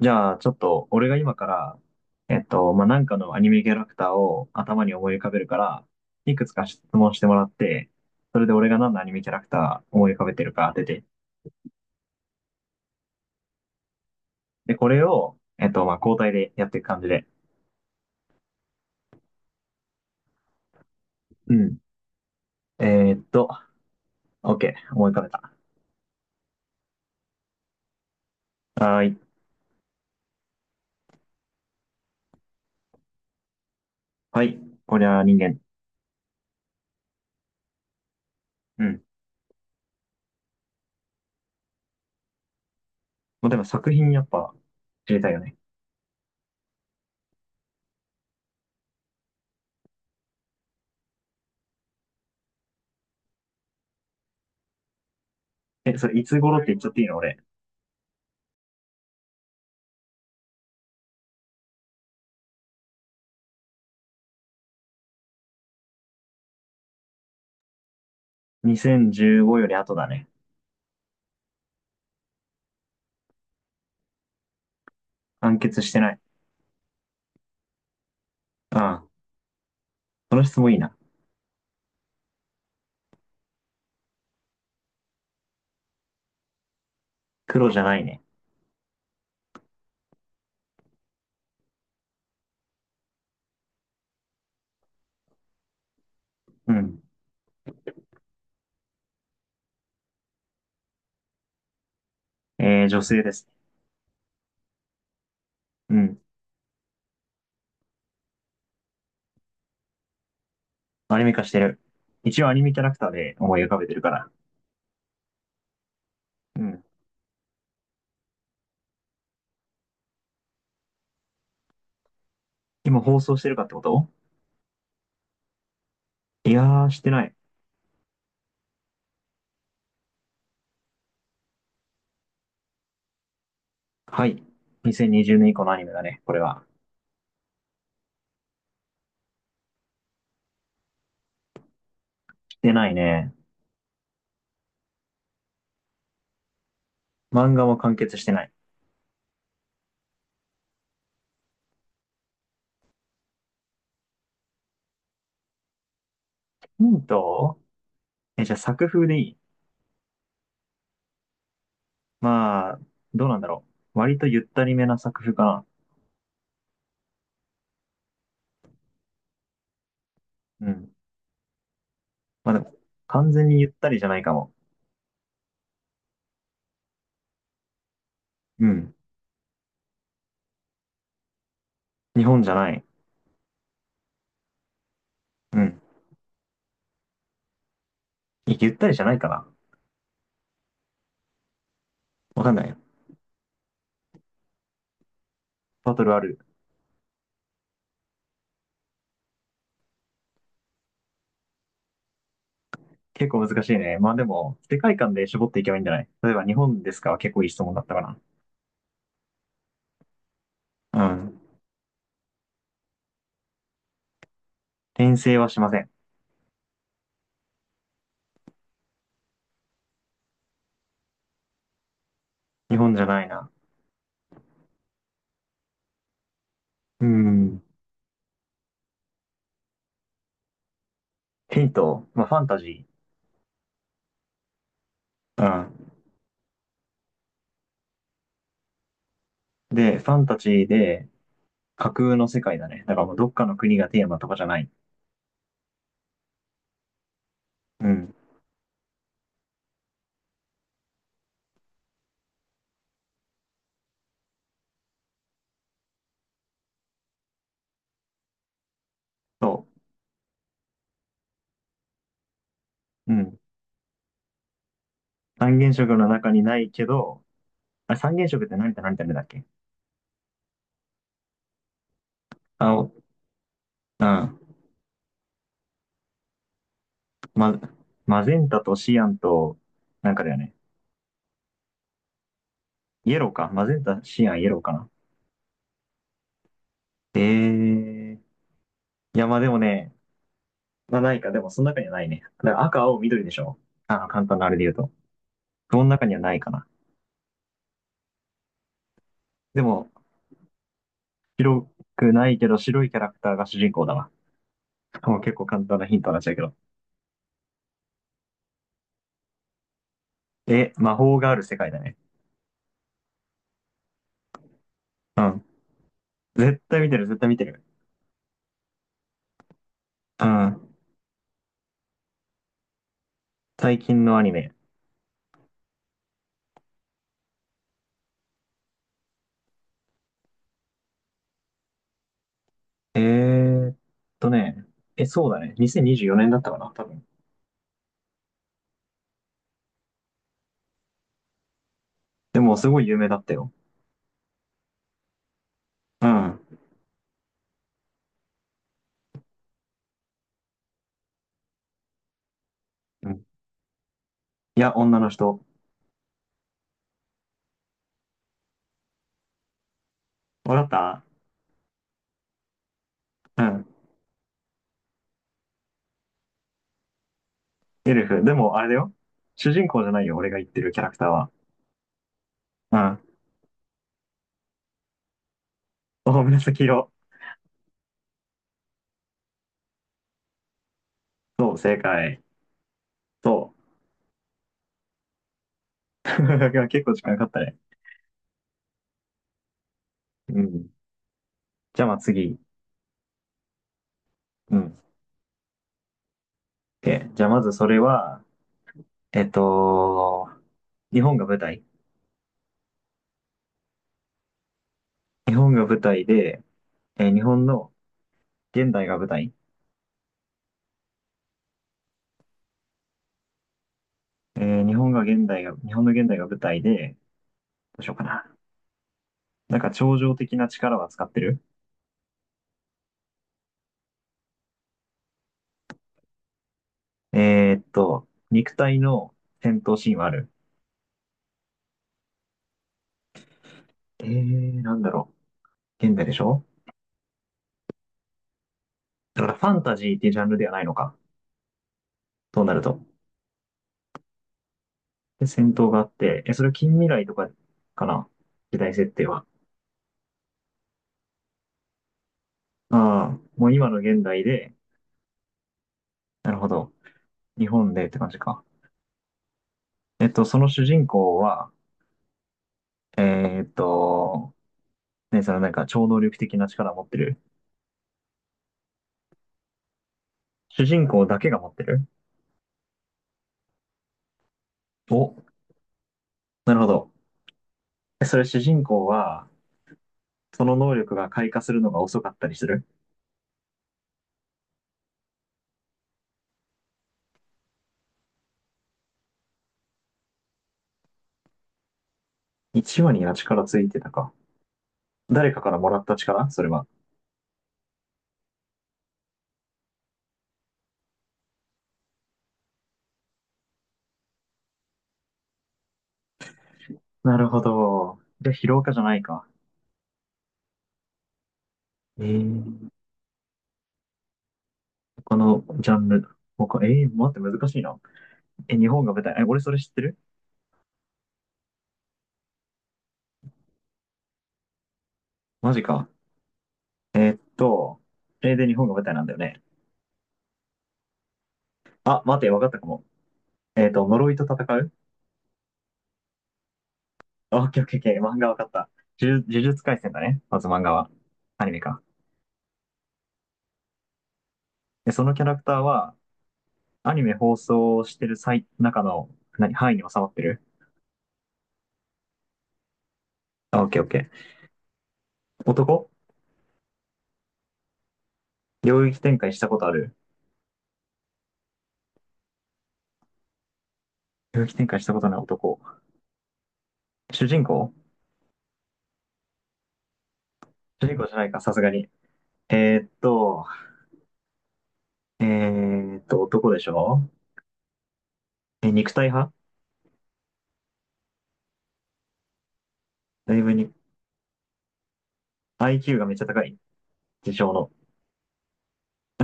じゃあ、ちょっと、俺が今から、まあ、なんかのアニメキャラクターを頭に思い浮かべるから、いくつか質問してもらって、それで俺が何のアニメキャラクター思い浮かべてるか当てて。で、これを、まあ、交代でやっていく感じで。うん。えーっと、OK、思い浮かべた。はーい。はい。こりゃ人間。うん。もうでも作品やっぱ知りたいよね。え、それいつ頃って言っちゃっていいの俺？2015より後だね。完結してない。ああ、この質問いいな。黒じゃないね。うん。女性ですね。うん。アニメ化してる。一応アニメキャラクターで思い浮かべてるから。うん。今放送してるかってこと？いやー、してない。はい。2020年以降のアニメだね、これは。してないね。漫画も完結してない。ヒント？じゃあ作風でいい？まあ、どうなんだろう。割とゆったりめな作風かな。うん。まあでも、完全にゆったりじゃないかも。うん。日本じゃない。うん。ゆったりじゃないかな。わかんない。バトルある。結構難しいね。まあでも、世界観で絞っていけばいいんじゃない？例えば日本ですかは結構いい質問だったかな。うん。転生はしません。日本じゃないな。うん。ヒント、まあファンタジー。うん。で、ファンタジーで架空の世界だね。だからもうどっかの国がテーマとかじゃない。うん。そう。うん。三原色の中にないけど、あれ三原色って何と何と何だっけ？青。うん。ま、マゼンタとシアンと、なんかだよね。イエローか。マゼンタ、シアン、イエローかな。えー、いや、まあでもね、まあないか。でもその中にはないね。だから赤、青、緑でしょ。あの、簡単なあれで言うと。その中にはないかな。でも、白くないけど白いキャラクターが主人公だわ。もう結構簡単なヒントになっちゃうけど。え、魔法がある世界だね。うん。絶対見てる、絶対見てる。うん。最近のアニメ。えーっね。え、そうだね。2024年だったかな、多分。でも、すごい有名だったよ。うん。うん。いや、女の人。わかった。うん。エルフ。でも、あれだよ。主人公じゃないよ、俺が言ってるキャラクターは。うん。そう、紫色。そう、正解。そう。結構時間かかったね。うん。じゃあ、まあ次。うん。で、じゃあまずそれは、えっと、日本が舞台。日本が舞台で、日本の現代が舞台。日本の現代が舞台で、どうしようかな。なんか、超常的な力は使ってる？肉体の戦闘シーンはある。なんだろう。現代でしょ？だからファンタジーっていうジャンルではないのか。となると。で、戦闘があって、それは近未来とかかな？時代設定は。ああ、もう今の現代で、なるほど。日本でって感じか。その主人公は、えーっと、ね、そのなんか超能力的な力を持ってる。主人公だけが持ってる？お、なるほど。それ主人公は、その能力が開花するのが遅かったりする？一話には力ついてたか。誰かからもらった力それは。なるほど。じゃあ、疲労かじゃないか。えー、このジャンル。他、待って、難しいな。日本が舞台。え、俺それ知ってる？マジか。と、で、日本が舞台なんだよね。あ、待って、わかったかも。呪いと戦う？あ、オッケーオッケーオッケー。漫画わかった。呪術廻戦だね。まず漫画は。アニメか。で、そのキャラクターは、アニメ放送してる最、中の、何、範囲に収まってる？あ、オッケーオッケー。男？領域展開したことある？領域展開したことない男。主人公？主人公じゃないか、さすがに。えーっと、男でしょ？え、肉体派？だいぶに、IQ がめっちゃ高い。自称の。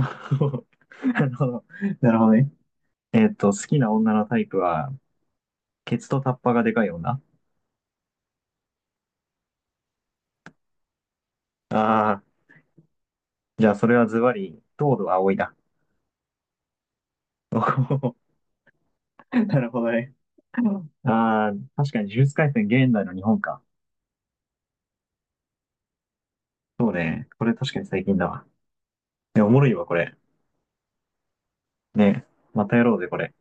なるほど。なるほどね。好きな女のタイプは、ケツとタッパがでかい女？ああ、じゃあそれはズバリ、東堂葵だ。なるほどね。ああ、確かに呪術廻戦現代の日本か。そうね。これ確かに最近だわ。え、おもろいわ、これ。ね。またやろうぜ、これ。